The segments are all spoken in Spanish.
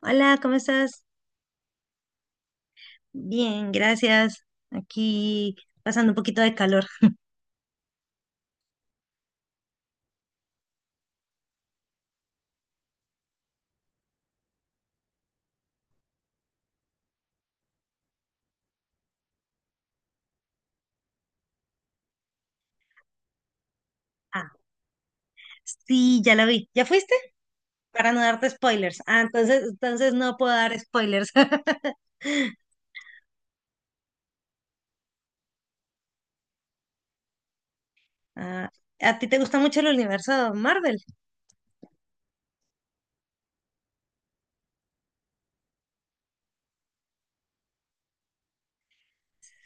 Hola, ¿cómo estás? Bien, gracias. Aquí pasando un poquito de calor. Ah, sí, ya la vi. ¿Ya fuiste? Para no darte spoilers. Ah, entonces no puedo dar spoilers. Ah, ¿a ti te gusta mucho el universo Marvel?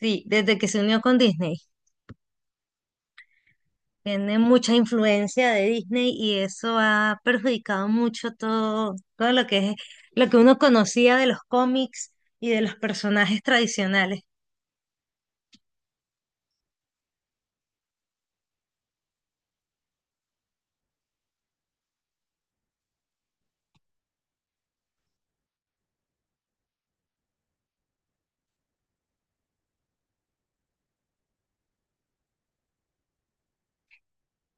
Sí, desde que se unió con Disney. Tiene mucha influencia de Disney y eso ha perjudicado mucho todo lo que es, lo que uno conocía de los cómics y de los personajes tradicionales.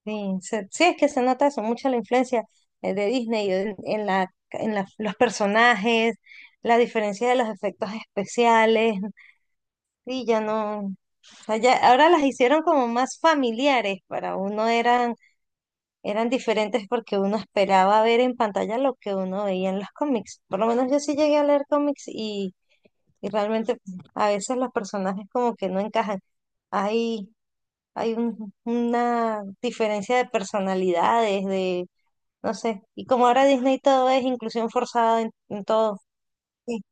Sí, es que se nota eso, mucha la influencia de Disney en los personajes, la diferencia de los efectos especiales, sí, ya no, o sea, ahora las hicieron como más familiares, para uno eran diferentes porque uno esperaba ver en pantalla lo que uno veía en los cómics, por lo menos yo sí llegué a leer cómics y realmente, a veces los personajes como que no encajan, hay, hay una diferencia de personalidades, no sé. Y como ahora Disney todo es inclusión forzada en todo. Sí,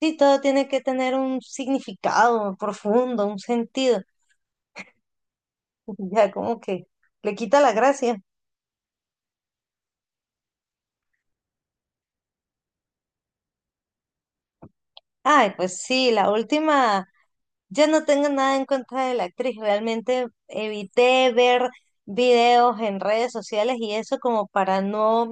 sí, todo tiene que tener un significado profundo, un sentido. Ya como que le quita la gracia. Ay, pues sí, la última, ya no tengo nada en contra de la actriz. Realmente evité ver videos en redes sociales y eso, como para no,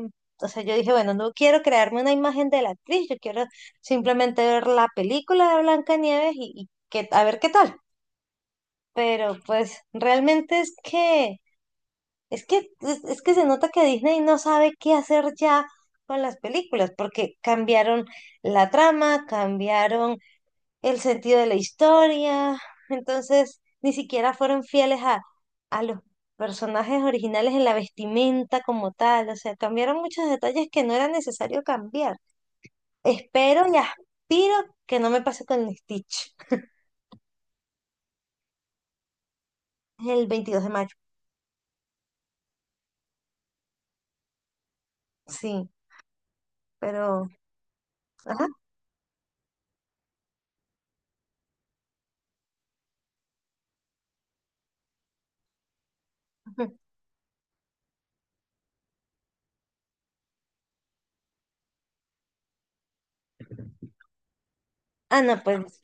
o sea, yo dije, bueno, no quiero crearme una imagen de la actriz, yo quiero simplemente ver la película de Blancanieves y que, a ver qué tal. Pero pues realmente es que se nota que Disney no sabe qué hacer ya con las películas, porque cambiaron la trama, cambiaron el sentido de la historia, entonces ni siquiera fueron fieles a los personajes originales en la vestimenta como tal, o sea, cambiaron muchos detalles que no era necesario cambiar. Espero y aspiro que no me pase con Stitch el 22 de mayo, sí, pero... Ajá. Ah, no, pues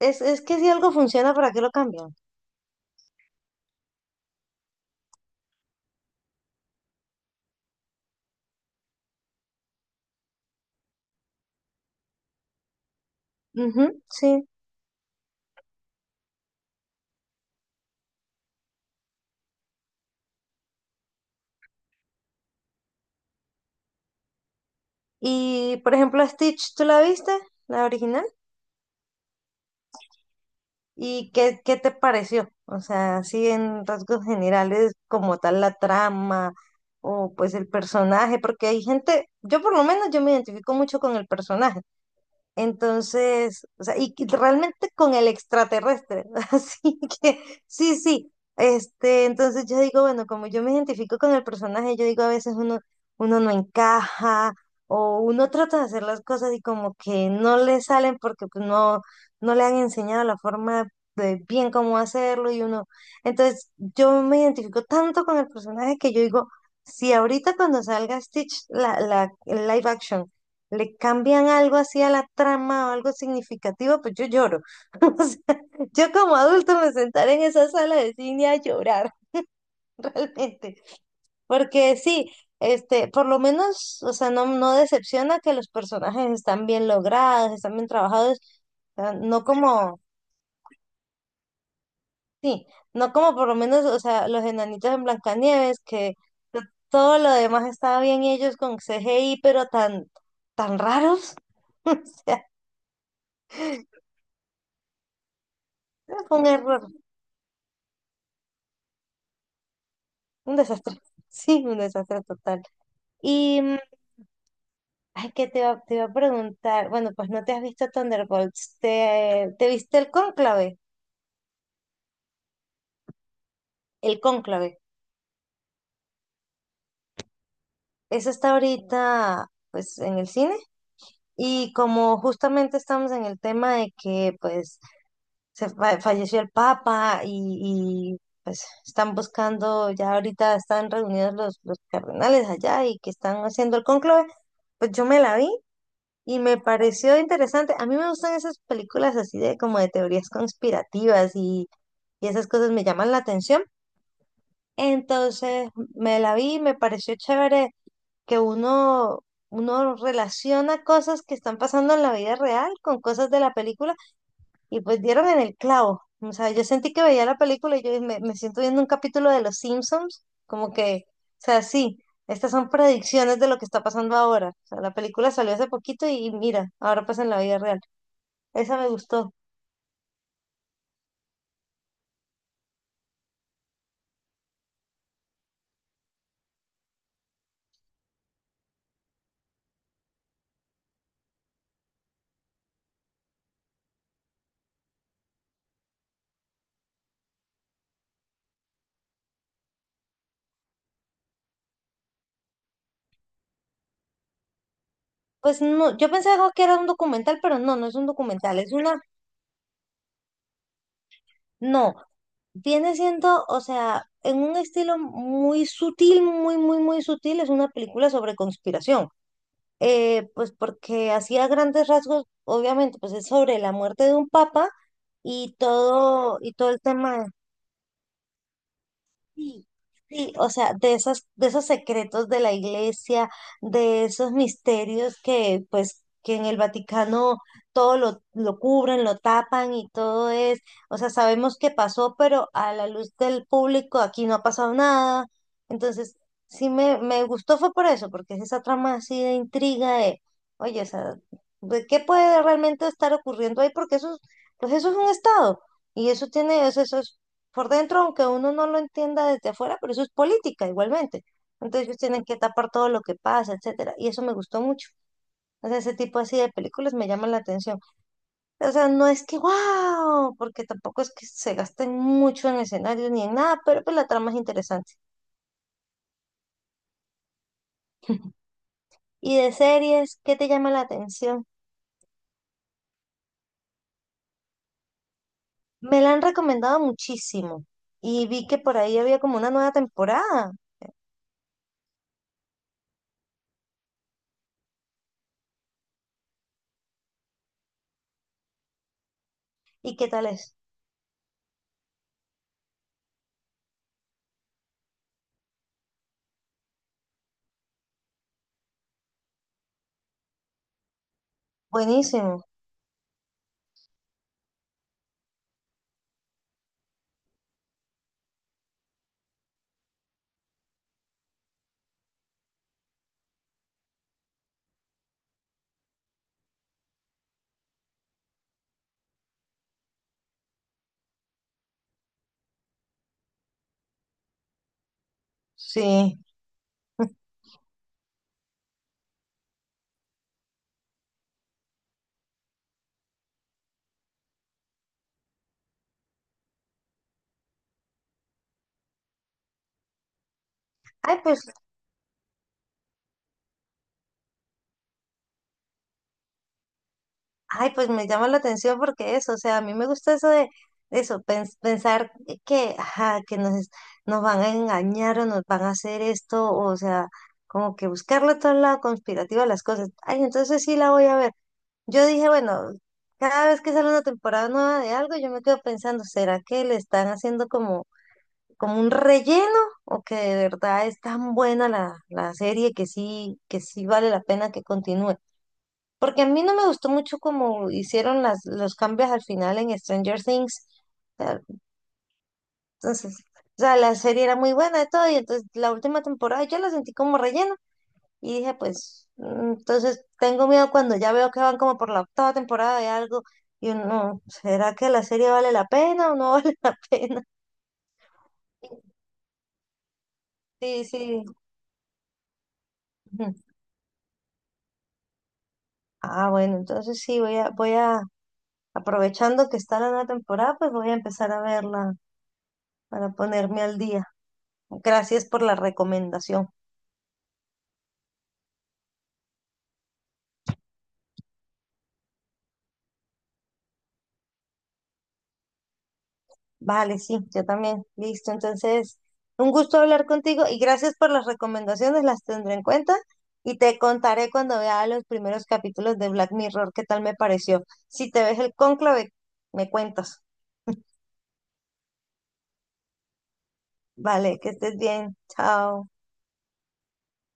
es que si algo funciona, ¿para qué lo cambian? Ujú, sí. Y por ejemplo, Stitch, ¿tú la viste? La original. ¿Y qué te pareció? O sea, así en rasgos generales, como tal la trama o pues el personaje, porque hay gente, yo por lo menos yo me identifico mucho con el personaje. Entonces, o sea, y que realmente con el extraterrestre. Así que, sí, sí. Este, entonces yo digo, bueno, como yo me identifico con el personaje, yo digo, a veces uno no encaja, o uno trata de hacer las cosas y como que no le salen porque pues, no, no le han enseñado la forma de bien cómo hacerlo, y uno. Entonces, yo me identifico tanto con el personaje que yo digo, si ahorita cuando salga Stitch, la el live action le cambian algo así a la trama o algo significativo, pues yo lloro. O sea, yo como adulto me sentaré en esa sala de cine a llorar, realmente, porque sí, este, por lo menos, o sea, no, no decepciona, que los personajes están bien logrados, están bien trabajados, o sea, no como, sí, no como por lo menos, o sea, los enanitos en Blancanieves, que to- todo lo demás estaba bien y ellos con CGI, pero tan, tan raros. O sea, fue un error. Un desastre. Sí, un desastre total. Y, ay, que te iba a preguntar, bueno, pues no te has visto Thunderbolts, ¿te viste el cónclave? El cónclave. Eso está ahorita, pues, en el cine. Y como justamente estamos en el tema de que, pues, falleció el Papa y, pues, están buscando, ya ahorita están reunidos los cardenales allá y que están haciendo el cónclave, pues yo me la vi. Y me pareció interesante. A mí me gustan esas películas así, de como de teorías conspirativas, y esas cosas me llaman la atención. Entonces me la vi y me pareció chévere, que uno relaciona cosas que están pasando en la vida real con cosas de la película, y pues dieron en el clavo. O sea, yo sentí que veía la película y yo me siento viendo un capítulo de Los Simpsons, como que, o sea, sí. Estas son predicciones de lo que está pasando ahora. O sea, la película salió hace poquito, y mira, ahora pasa en la vida real. Esa me gustó. Pues no, yo pensaba que era un documental, pero no, no es un documental, es una, no, viene siendo, o sea, en un estilo muy sutil, muy, muy, muy sutil, es una película sobre conspiración. Pues porque hacía grandes rasgos, obviamente, pues es sobre la muerte de un papa y todo el tema. Sí, sí, o sea, de esos, secretos de la iglesia, de esos misterios que, pues, que en el Vaticano todo lo cubren, lo tapan y todo es, o sea, sabemos que pasó, pero a la luz del público aquí no ha pasado nada. Entonces, sí me gustó fue por eso, porque es esa trama así de intriga de, oye, o sea, ¿de ¿qué puede realmente estar ocurriendo ahí? Porque eso, pues eso es un estado. Y eso tiene, eso por dentro, aunque uno no lo entienda desde afuera, pero eso es política igualmente. Entonces ellos tienen que tapar todo lo que pasa, etcétera. Y eso me gustó mucho. O sea, ese tipo así de películas me llaman la atención. O sea, no es que wow, porque tampoco es que se gasten mucho en escenarios ni en nada, pero pues la trama es interesante. Y de series, ¿qué te llama la atención? Me la han recomendado muchísimo y vi que por ahí había como una nueva temporada. ¿Y qué tal es? Buenísimo. Sí. Ay, pues Ay, pues me llama la atención porque eso, o sea, a mí me gusta eso de pensar que, ajá, que nos van a engañar o nos van a hacer esto, o sea, como que buscarle todo el lado conspirativo a las cosas. Ay, entonces sí la voy a ver. Yo dije, bueno, cada vez que sale una temporada nueva de algo, yo me quedo pensando, ¿será que le están haciendo como un relleno? ¿O que de verdad es tan buena la serie, que sí vale la pena que continúe? Porque a mí no me gustó mucho como hicieron los cambios al final en Stranger Things. O sea, entonces, o sea, la serie era muy buena de todo y entonces la última temporada yo la sentí como relleno y dije, pues, entonces tengo miedo cuando ya veo que van como por la octava temporada de algo, y uno, ¿será que la serie vale la pena o no vale la pena? Sí, sí. Ujú. Ah, bueno, entonces sí, aprovechando que está la nueva temporada, pues voy a empezar a verla para ponerme al día. Gracias por la recomendación. Vale, sí, yo también. Listo, entonces, un gusto hablar contigo y gracias por las recomendaciones, las tendré en cuenta y te contaré cuando vea los primeros capítulos de Black Mirror qué tal me pareció. Si te ves el cónclave, me cuentas. Vale, que estés bien. Chao.